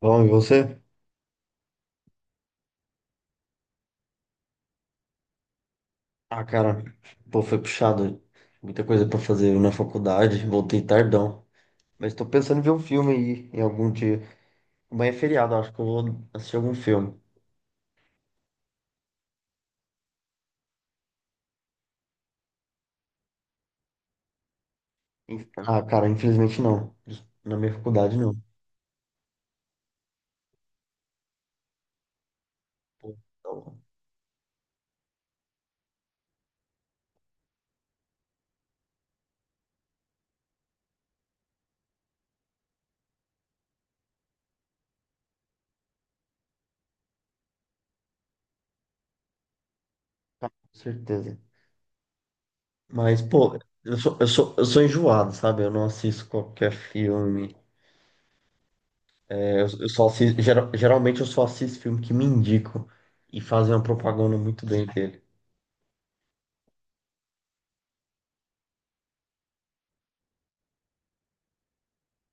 Bom, e você? Ah, cara, pô, foi puxado. Muita coisa pra fazer na faculdade. Voltei tardão. Mas tô pensando em ver um filme aí em algum dia. Amanhã é feriado, acho que eu vou assistir algum filme. Ah, cara, infelizmente não. Na minha faculdade, não. Pô, então, com certeza. Mas, pô, eu sou enjoado, sabe? Eu não assisto qualquer filme. É, eu só assisto, geralmente eu só assisto filme que me indicam e fazem uma propaganda muito bem dele.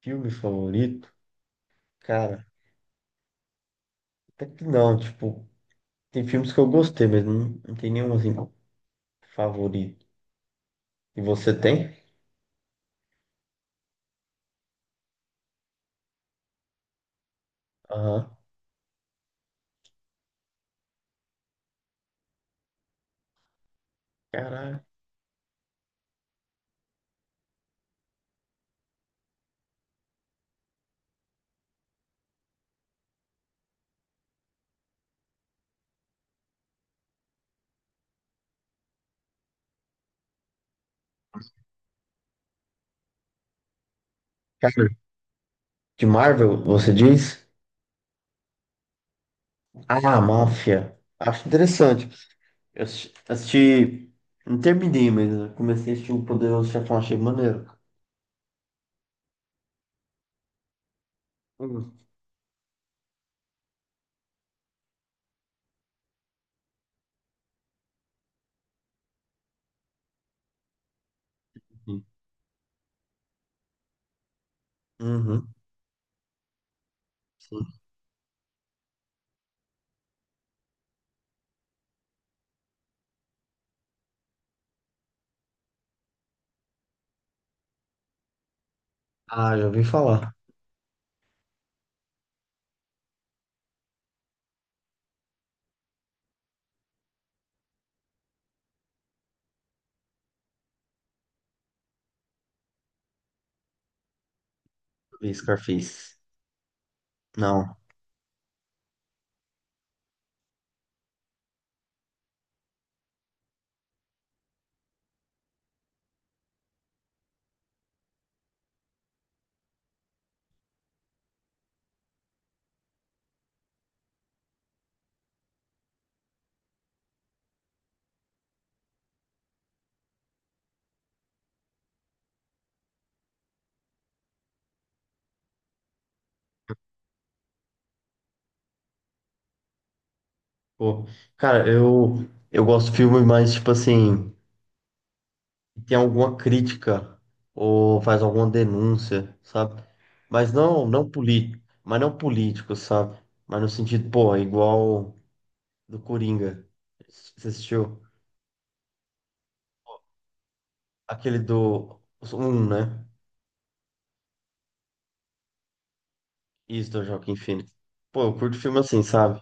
Filme favorito? Cara. Até que não, tipo, tem filmes que eu gostei, mas não tem nenhum assim favorito. E você tem? Aham. Caraca. Cara, de Marvel, você diz? Ah, Máfia. Acho interessante. Eu não terminei, mas eu comecei a assistir O Poderoso Chefão, achei maneiro. Uhum. Uhum, sim. Ah, já ouvi falar. Vi Scarface. Não. Pô, cara, eu gosto de filme mais, tipo assim. E tem alguma crítica ou faz alguma denúncia, sabe? Mas não político, mas não político, sabe? Mas no sentido, pô, é igual do Coringa. Você assistiu aquele do um, né? Isso do Joaquin Phoenix. Pô, eu curto filme assim, sabe?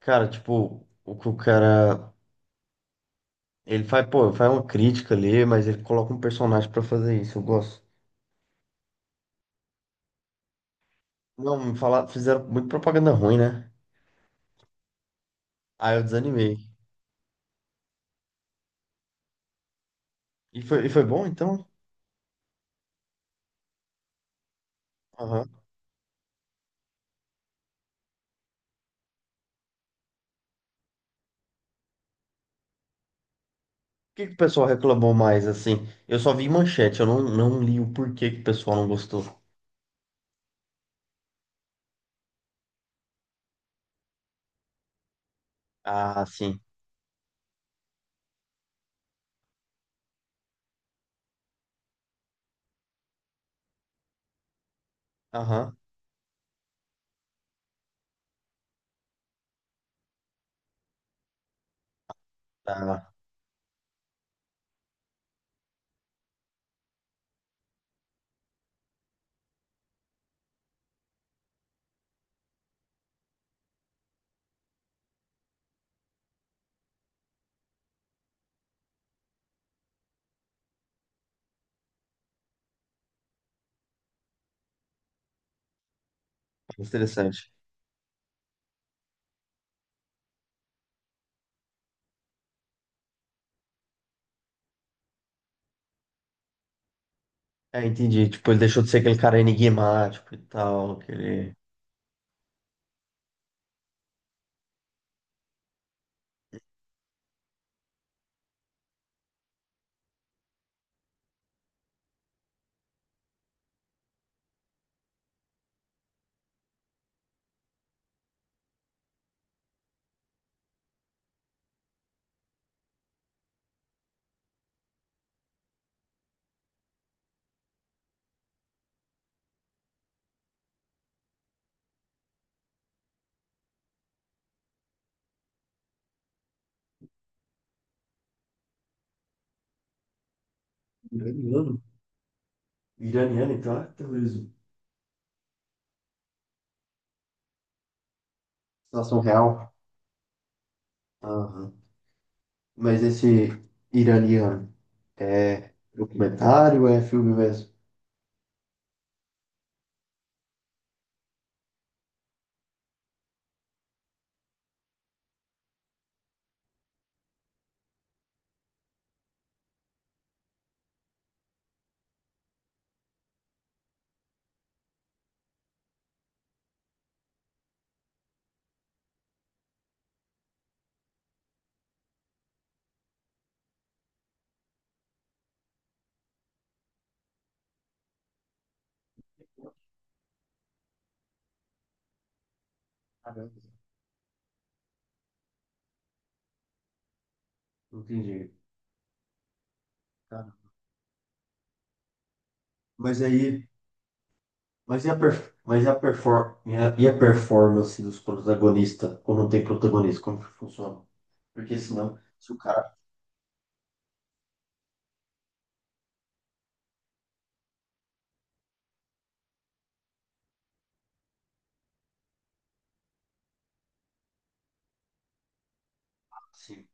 Cara, tipo, o que o cara ele faz, pô, faz uma crítica ali, mas ele coloca um personagem pra fazer isso, eu gosto. Não, me falar, fizeram muito propaganda ruim, né? Aí eu desanimei. E foi bom, então? Aham. Que o pessoal reclamou mais, assim? Eu só vi manchete, eu não, não li o porquê que o pessoal não gostou. Ah, sim. Aham. Tá. Interessante. É, entendi. Tipo, ele deixou de ser aquele cara enigmático e tal, aquele... Iraniano? Iraniano, então é terrorismo. Situação real. Aham. Mas esse iraniano é documentário ou é filme mesmo? Caramba. Entendi. Cara. Mas aí. Mas e a, perf- mas e a, perfor- e a performance dos protagonistas quando tem protagonista? Como que funciona? Porque senão, se o cara. Assim,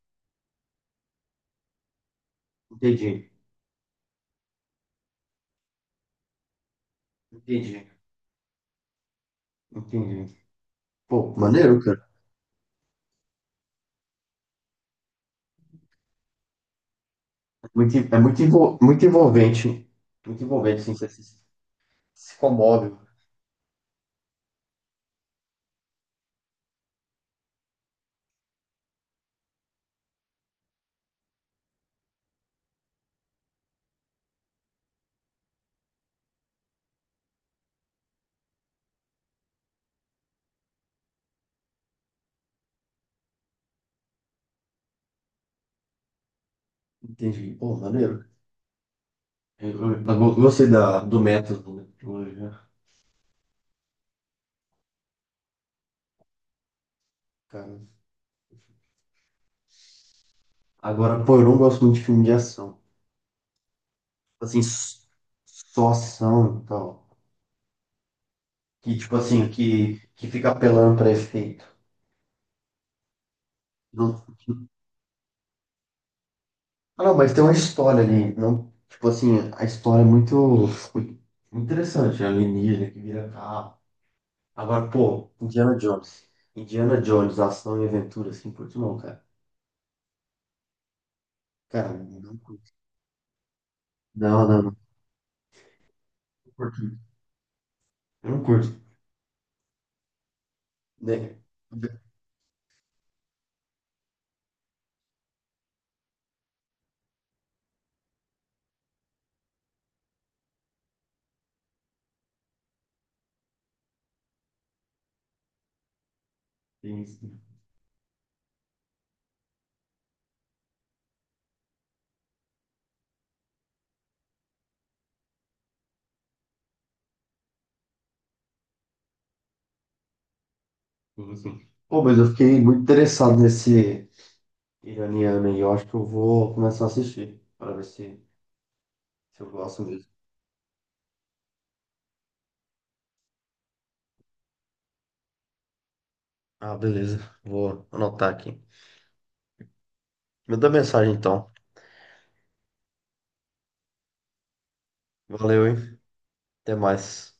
entendi, entendi, entendi. Pô, maneiro, cara. É é muito envolvente. Muito envolvente, assim, você se, se comove. Entendi. Pô, maneiro. Gostei da, do método, né? Hoje, cara. Agora, pô, eu não gosto muito de filme de ação. Assim, só ação e tal. Que tipo assim, que fica apelando pra efeito. Não- Ah, não, mas tem uma história ali, não, tipo assim, a história é muito interessante, a alienígena que vira carro. Agora, pô, Indiana Jones. Indiana Jones, ação e aventura, assim, por que não, cara? Cara, eu não curto. Não, não, não. Eu curto. Eu não curto. Né? Tem isso, tem isso. Pô, mas eu fiquei muito interessado nesse iraniano aí, eu acho que eu vou começar a assistir, para ver se, se eu gosto mesmo. Ah, beleza. Vou anotar aqui. Manda mensagem então. Valeu, hein? Até mais.